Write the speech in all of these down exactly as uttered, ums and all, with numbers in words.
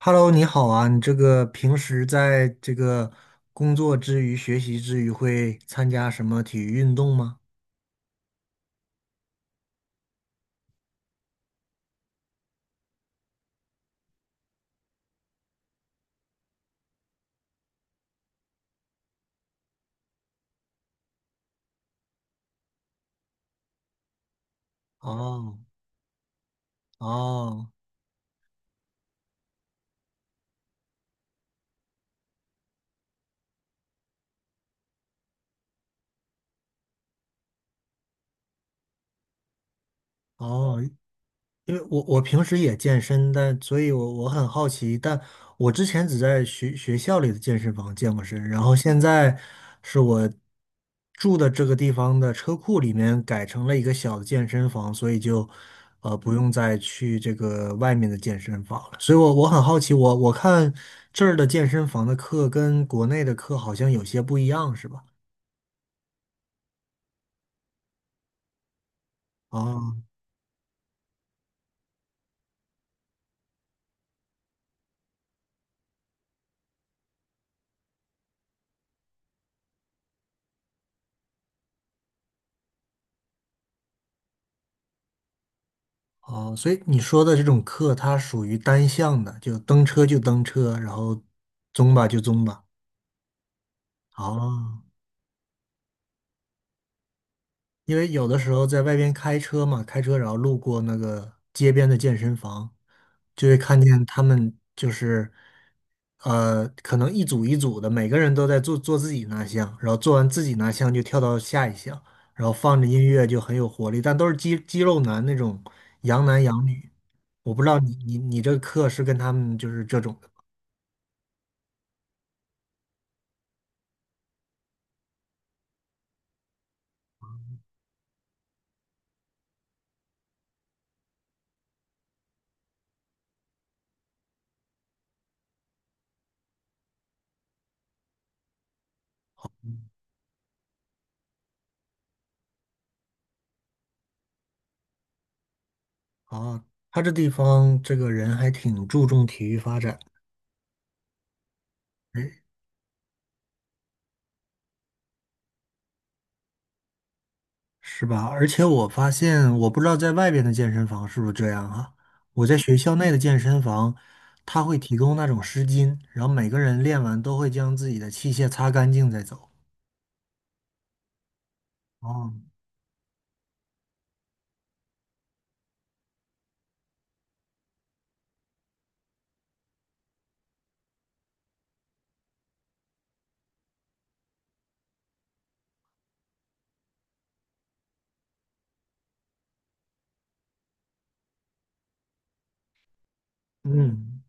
Hello，你好啊！你这个平时在这个工作之余、学习之余，会参加什么体育运动吗？哦，哦，哦，因为我我平时也健身，但所以我，我很好奇，但我之前只在学学校里的健身房健过身，然后现在是我住的这个地方的车库里面改成了一个小的健身房，所以就呃不用再去这个外面的健身房了。所以我，我很好奇，我我看这儿的健身房的课跟国内的课好像有些不一样，是吧？啊。哦，所以你说的这种课，它属于单向的，就蹬车就蹬车，然后宗吧就宗吧。哦，因为有的时候在外边开车嘛，开车然后路过那个街边的健身房，就会看见他们就是，呃，可能一组一组的，每个人都在做做自己那项，然后做完自己那项就跳到下一项，然后放着音乐就很有活力，但都是肌肌肉男那种洋男洋女。我不知道你你你这个课是跟他们就是这种的。吗啊，他这地方这个人还挺注重体育发展。是吧？而且我发现，我不知道在外边的健身房是不是这样啊？我在学校内的健身房，他会提供那种湿巾，然后每个人练完都会将自己的器械擦干净再走。哦，嗯，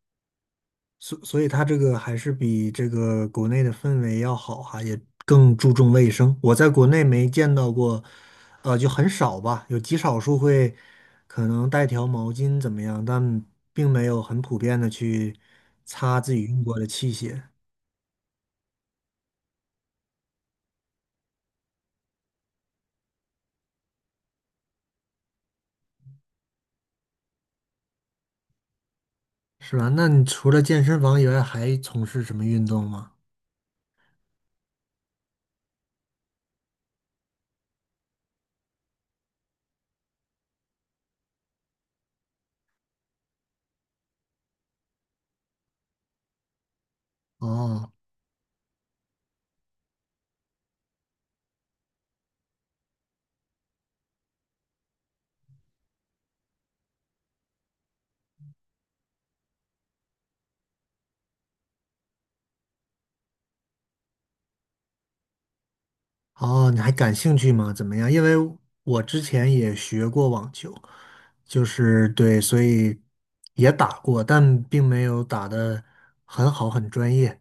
所所以他这个还是比这个国内的氛围要好哈、也更注重卫生。我在国内没见到过，呃，就很少吧，有极少数会可能带条毛巾怎么样，但并没有很普遍的去擦自己用过的器械。是吧？那你除了健身房以外，还从事什么运动吗？哦哦，你还感兴趣吗？怎么样？因为我之前也学过网球，就是对，所以也打过，但并没有打的很好，很专业。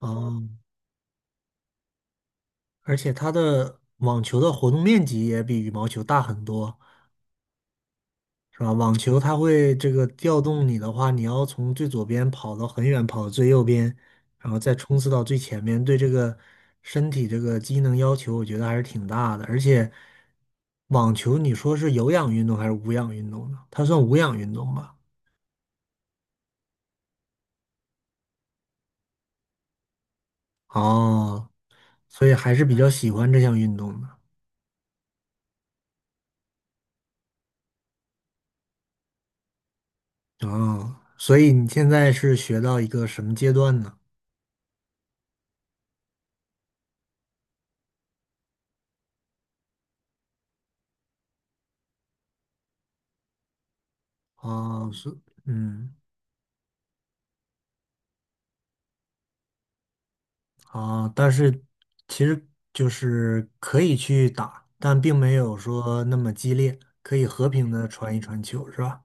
哦，而且它的网球的活动面积也比羽毛球大很多，是吧？网球它会这个调动你的话，你要从最左边跑到很远，跑到最右边，然后再冲刺到最前面，对这个身体这个机能要求，我觉得还是挺大的。而且，网球你说是有氧运动还是无氧运动呢？它算无氧运动吧？哦，所以还是比较喜欢这项运动的。哦，所以你现在是学到一个什么阶段呢？哦，是，嗯。啊，但是其实就是可以去打，但并没有说那么激烈，可以和平的传一传球，是吧？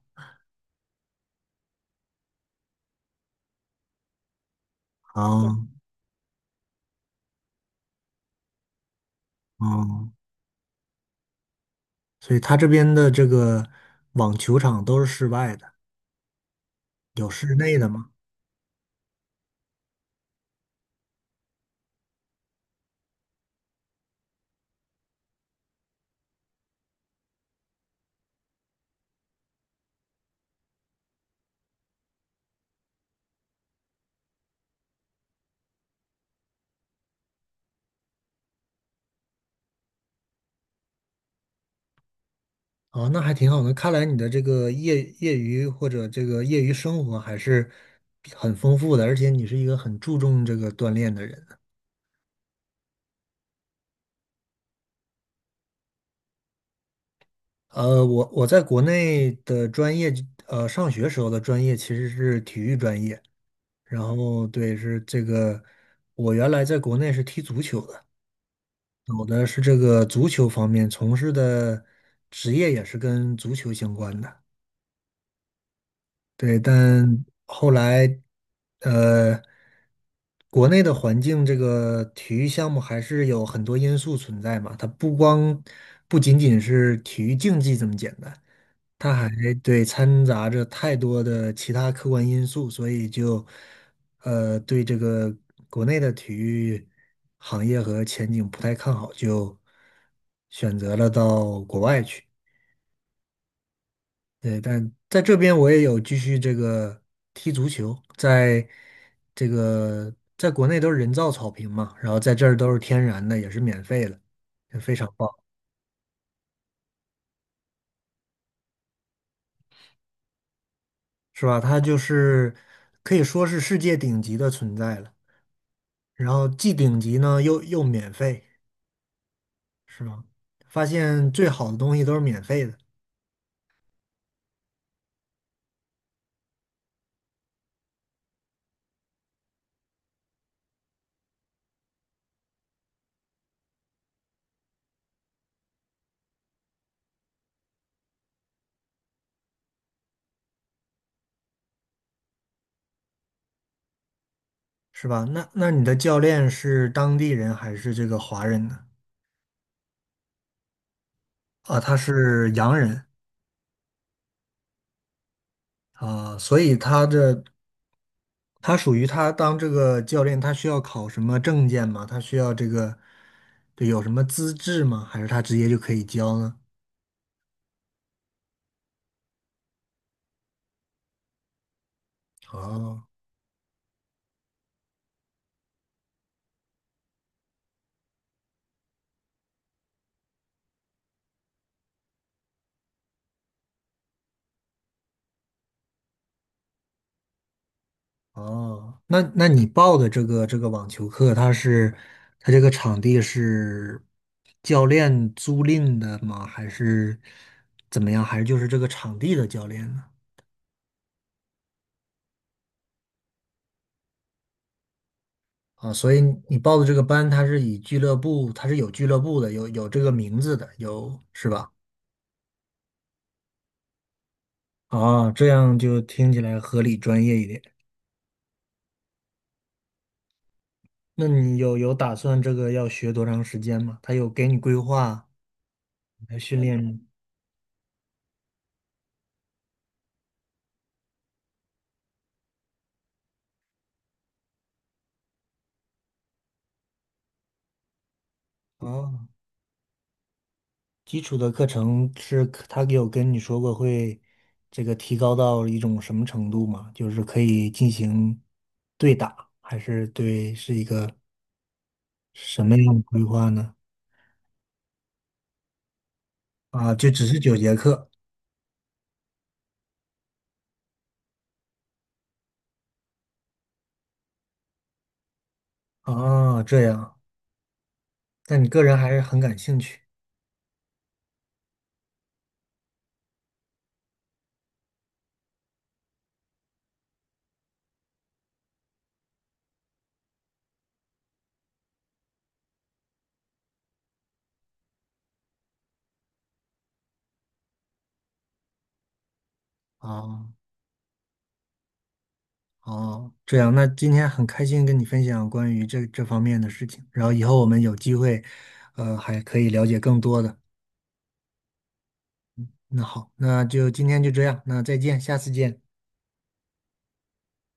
啊，嗯，所以他这边的这个网球场都是室外的，有室内的吗？哦，那还挺好的。看来你的这个业业余或者这个业余生活还是很丰富的，而且你是一个很注重这个锻炼的人。呃，我我在国内的专业，呃，上学时候的专业其实是体育专业。然后对，是这个，我原来在国内是踢足球的，我的是这个足球方面从事的职业也是跟足球相关的。对，但后来，呃，国内的环境，这个体育项目还是有很多因素存在嘛，它不光不仅仅是体育竞技这么简单。它还对掺杂着太多的其他客观因素，所以就呃对这个国内的体育行业和前景不太看好，就选择了到国外去。对，但在这边我也有继续这个踢足球，在这个在国内都是人造草坪嘛，然后在这儿都是天然的，也是免费的，就非常棒，是吧？它就是可以说是世界顶级的存在了。然后既顶级呢又又免费，是吗？发现最好的东西都是免费的，是吧？那那你的教练是当地人还是这个华人呢？啊，他是洋人啊，所以他的他属于他当这个教练，他需要考什么证件吗？他需要这个，对，有什么资质吗？还是他直接就可以教呢？哦。哦，那那你报的这个这个网球课，它是它这个场地是教练租赁的吗？还是怎么样？还是就是这个场地的教练呢？啊，所以你报的这个班，它是以俱乐部，它是有俱乐部的，有有这个名字的，有是吧？啊，这样就听起来合理专业一点。那你有有打算这个要学多长时间吗？他有给你规划来训练吗？哦，基础的课程是他有跟你说过会这个提高到一种什么程度吗？就是可以进行对打，还是对是一个什么样的规划呢？啊，就只是九节课。啊，这样。那你个人还是很感兴趣。啊，哦，这样。那今天很开心跟你分享关于这这方面的事情，然后以后我们有机会，呃，还可以了解更多的。那好，那就今天就这样，那再见，下次见。